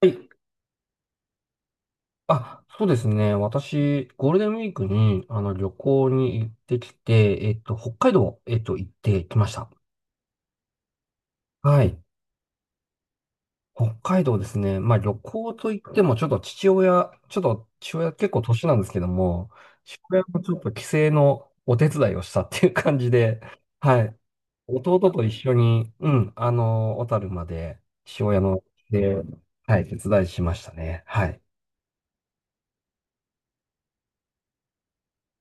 はい。あ、そうですね。私、ゴールデンウィークに、旅行に行ってきて、北海道、行ってきました。はい。北海道ですね。旅行といっても、ちょっと父親結構年なんですけども、父親もちょっと帰省のお手伝いをしたっていう感じで、はい。弟と一緒に、うん、小樽まで、父親の、で、はい、手伝いしましたね。はい。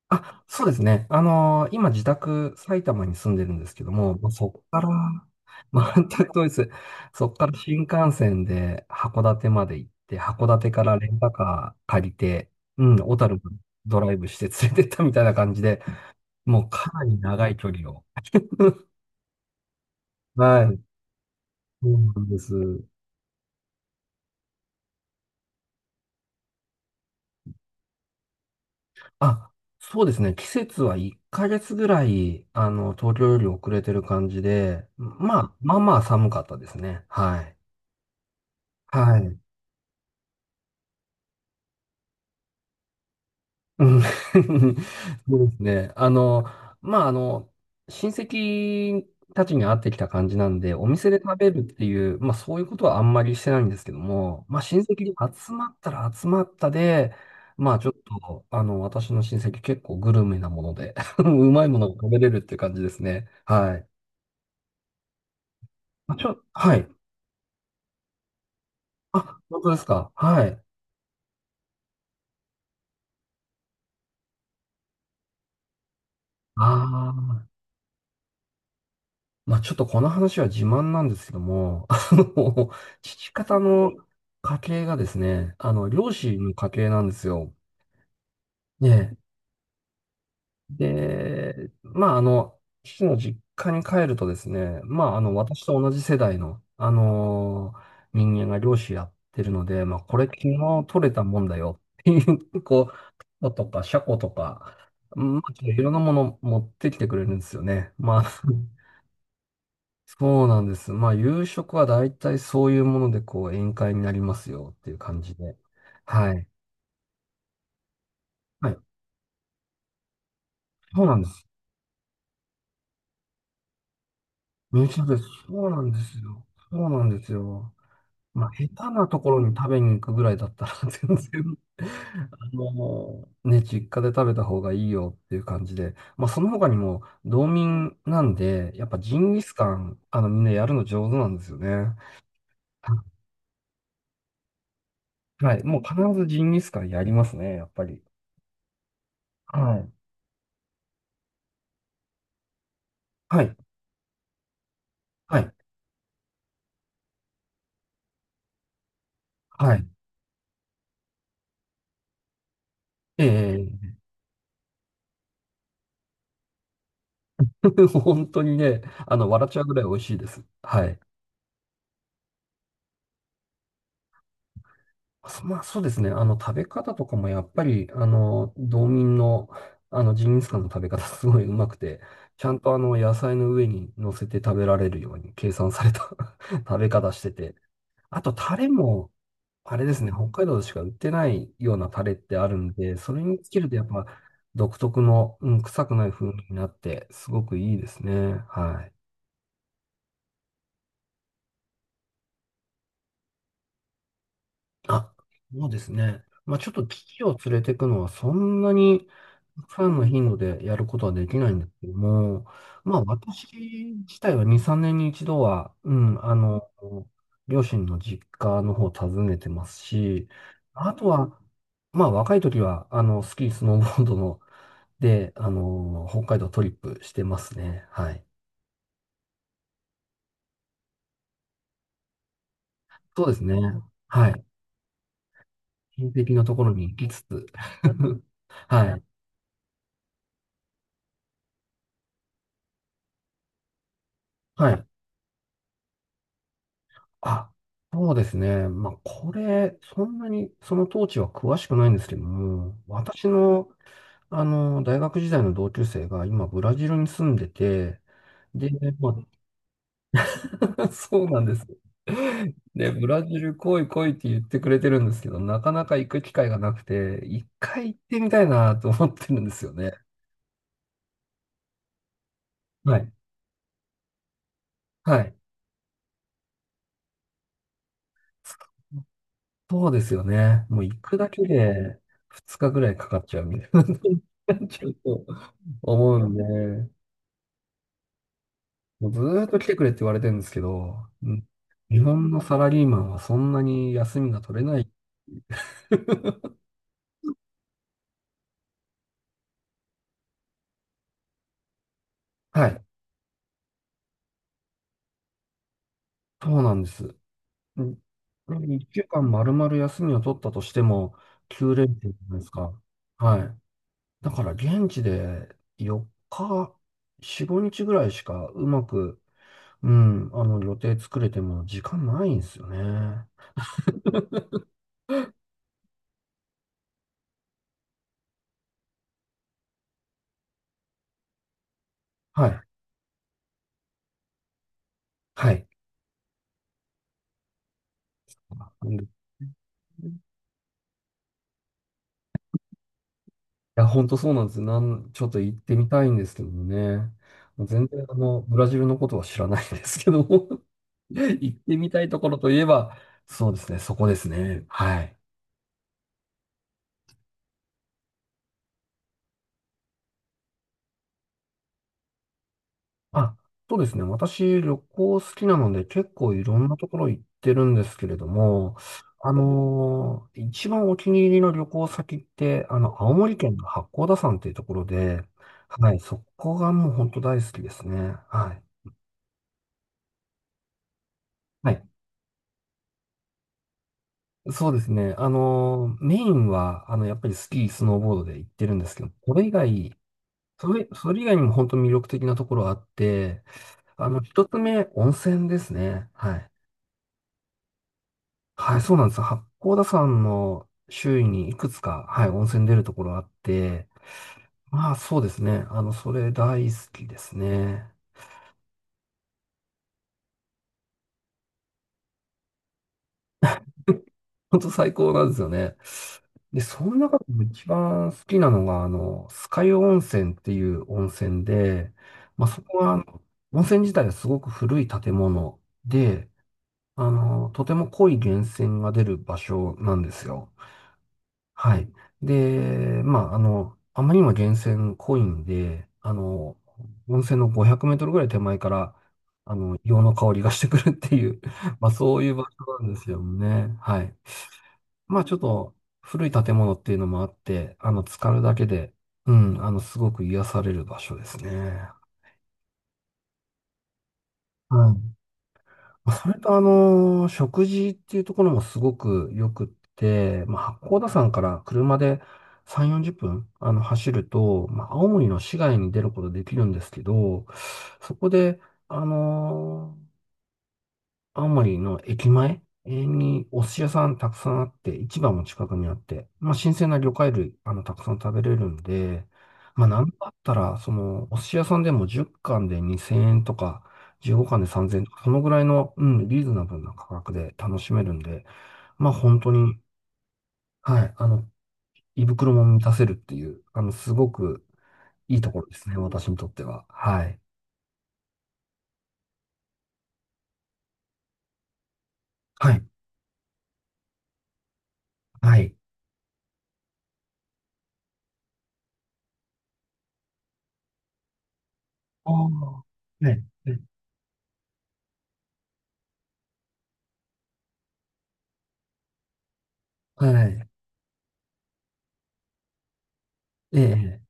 あ、そうですね。今自宅埼玉に住んでるんですけども、そこから、全く遠いです。そこから新幹線で函館まで行って、函館からレンタカー借りて、うん、小樽までドライブして連れてったみたいな感じで、もうかなり長い距離を。はい、そうなんです。あ、そうですね。季節は1ヶ月ぐらい、東京より遅れてる感じで、まあまあ寒かったですね。はい。はい。うん。 そうですね。まあ、あの、親戚たちに会ってきた感じなんで、お店で食べるっていう、そういうことはあんまりしてないんですけども、親戚に集まったら集まったで、ちょっと、私の親戚結構グルメなもので、うまいものが食べれるっていう感じですね。はい。はい。あ、本当ですか。はい。ああ。ちょっとこの話は自慢なんですけども、父方の家系がですね、漁師の家系なんですよ。ねえ。で、父の実家に帰るとですね、私と同じ世代の、人間が漁師やってるので、これ昨日取れたもんだよっていう、こう、タコとかシャコとか、まあ、いろんなもの持ってきてくれるんですよね。そうなんです。夕食は大体そういうもので、こう、宴会になりますよっていう感じで。はい。はい。そうなんです。身内なんです。そうなんですよ。そうなんですよ。下手なところに食べに行くぐらいだったら 全然ね、実家で食べた方がいいよっていう感じで。その他にも、道民なんで、やっぱジンギスカン、みんなやるの上手なんですよね。ははい。もう必ずジンギスカンやりますね、やっぱり。はい。はい。はいはい。ええ。 本当にね、笑っちゃうぐらい美味しいです。はい。そまあ、そうですね。食べ方とかもやっぱり、道民の、ジンギスカンの食べ方すごいうまくて、ちゃんと野菜の上に乗せて食べられるように計算された 食べ方してて、あと、タレも、あれですね、北海道でしか売ってないようなタレってあるんで、それにつけるとやっぱ、独特の、うん、臭くない風味になって、すごくいいですね。はい。あ、そうですね。ちょっと機器を連れていくのはそんなにたくさんの頻度でやることはできないんですけども、私自体は2、3年に一度は、うん、両親の実家の方を訪ねてますし、あとは、若い時は、スキー、スノーボードの、で、北海道トリップしてますね。はい。そうですね。はい。親戚のところに行きつつ、はい。はい。あ、そうですね。これ、そんなに、その当時は詳しくないんですけども、私の、大学時代の同級生が今、ブラジルに住んでて、で、まあ、そうなんです。で、ブラジル来い来いって言ってくれてるんですけど、なかなか行く機会がなくて、一回行ってみたいなと思ってるんですよね。はい。はい。そうですよね。もう行くだけで2日ぐらいかかっちゃうみたいにちゃうと思うんで。もうずーっと来てくれって言われてるんですけど、うん、日本のサラリーマンはそんなに休みが取れない。はい。そうなんです。うん、1週間丸々休みを取ったとしても、連休じゃないですか。はい。だから現地で4日、4、5日ぐらいしかうまく、うん、予定作れても時間ないんですよね。はい。はい。いや、ほんとそうなんです。ちょっと行ってみたいんですけどもね。もう全然ブラジルのことは知らないんですけども 行ってみたいところといえば、そうですね、そこですね。はい。あ、そうですね。私、旅行好きなので、結構いろんなところ行ってるんですけれども、一番お気に入りの旅行先って、青森県の八甲田山っていうところで、はい、そこがもう本当大好きですね。はい。はい。そうですね。メインは、やっぱりスキー、スノーボードで行ってるんですけど、それ以外にも本当に魅力的なところあって、一つ目、温泉ですね。はい。はい、そうなんですよ。八甲田山の周囲にいくつか、はい、温泉出るところあって、そうですね。それ大好きですね。本当最高なんですよね。で、その中でも一番好きなのが、酸ヶ湯温泉っていう温泉で、そこは、温泉自体がすごく古い建物で、とても濃い源泉が出る場所なんですよ。はい。で、あまりにも源泉濃いんで、温泉の500メートルぐらい手前から、硫黄の香りがしてくるっていう、そういう場所なんですよね。はい。ちょっと古い建物っていうのもあって、浸かるだけで、うん、すごく癒される場所ですね。はい。それと食事っていうところもすごく良くって、八甲田山から車で3、40分、走ると、青森の市街に出ることできるんですけど、そこで、あの青森の駅前にお寿司屋さんたくさんあって、市場も近くにあって、新鮮な魚介類、たくさん食べれるんで、なんだったら、その、お寿司屋さんでも10貫で2000円とか、15貫で3000円とか、そのぐらいの、うん、リーズナブルな価格で楽しめるんで、本当に、はい、胃袋も満たせるっていう、すごくいいところですね、私にとっては。はい。はい。はい。ああ。ね、ね。はい。ええ。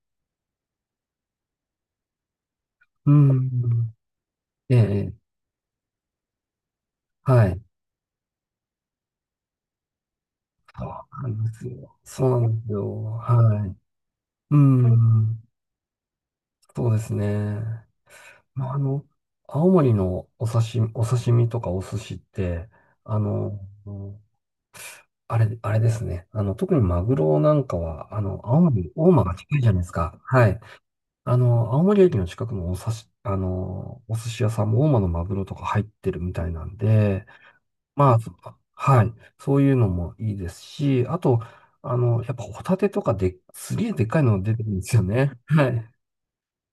うん。ええ、はい。そうなんですよ。そうなんですよ。はい。うん。そうですね。まあ、あの、青森のお刺身とかお寿司って、あの、あれ、あれですね。特にマグロなんかは、青森、大間が近いじゃないですか。はい。青森駅の近くのお刺し、あの、お寿司屋さんも大間のマグロとか入ってるみたいなんで、まあ、そはい。そういうのもいいですし、あと、やっぱホタテとかで、すげえでっかいの出てるんですよね。はい。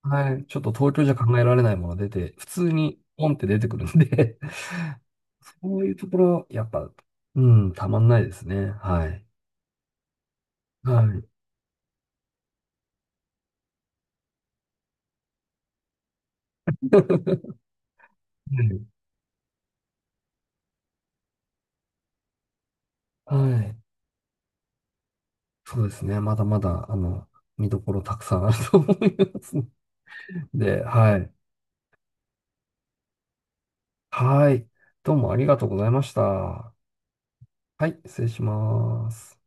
はい。ちょっと東京じゃ考えられないもの出て、普通にポンって出てくるんで そういうところ、やっぱ、うん、たまんないですね。はい。はい。うん。はい。はい。そうですね。まだまだ、見どころたくさんあると思いますので、はい。はい。どうもありがとうございました。はい。失礼します。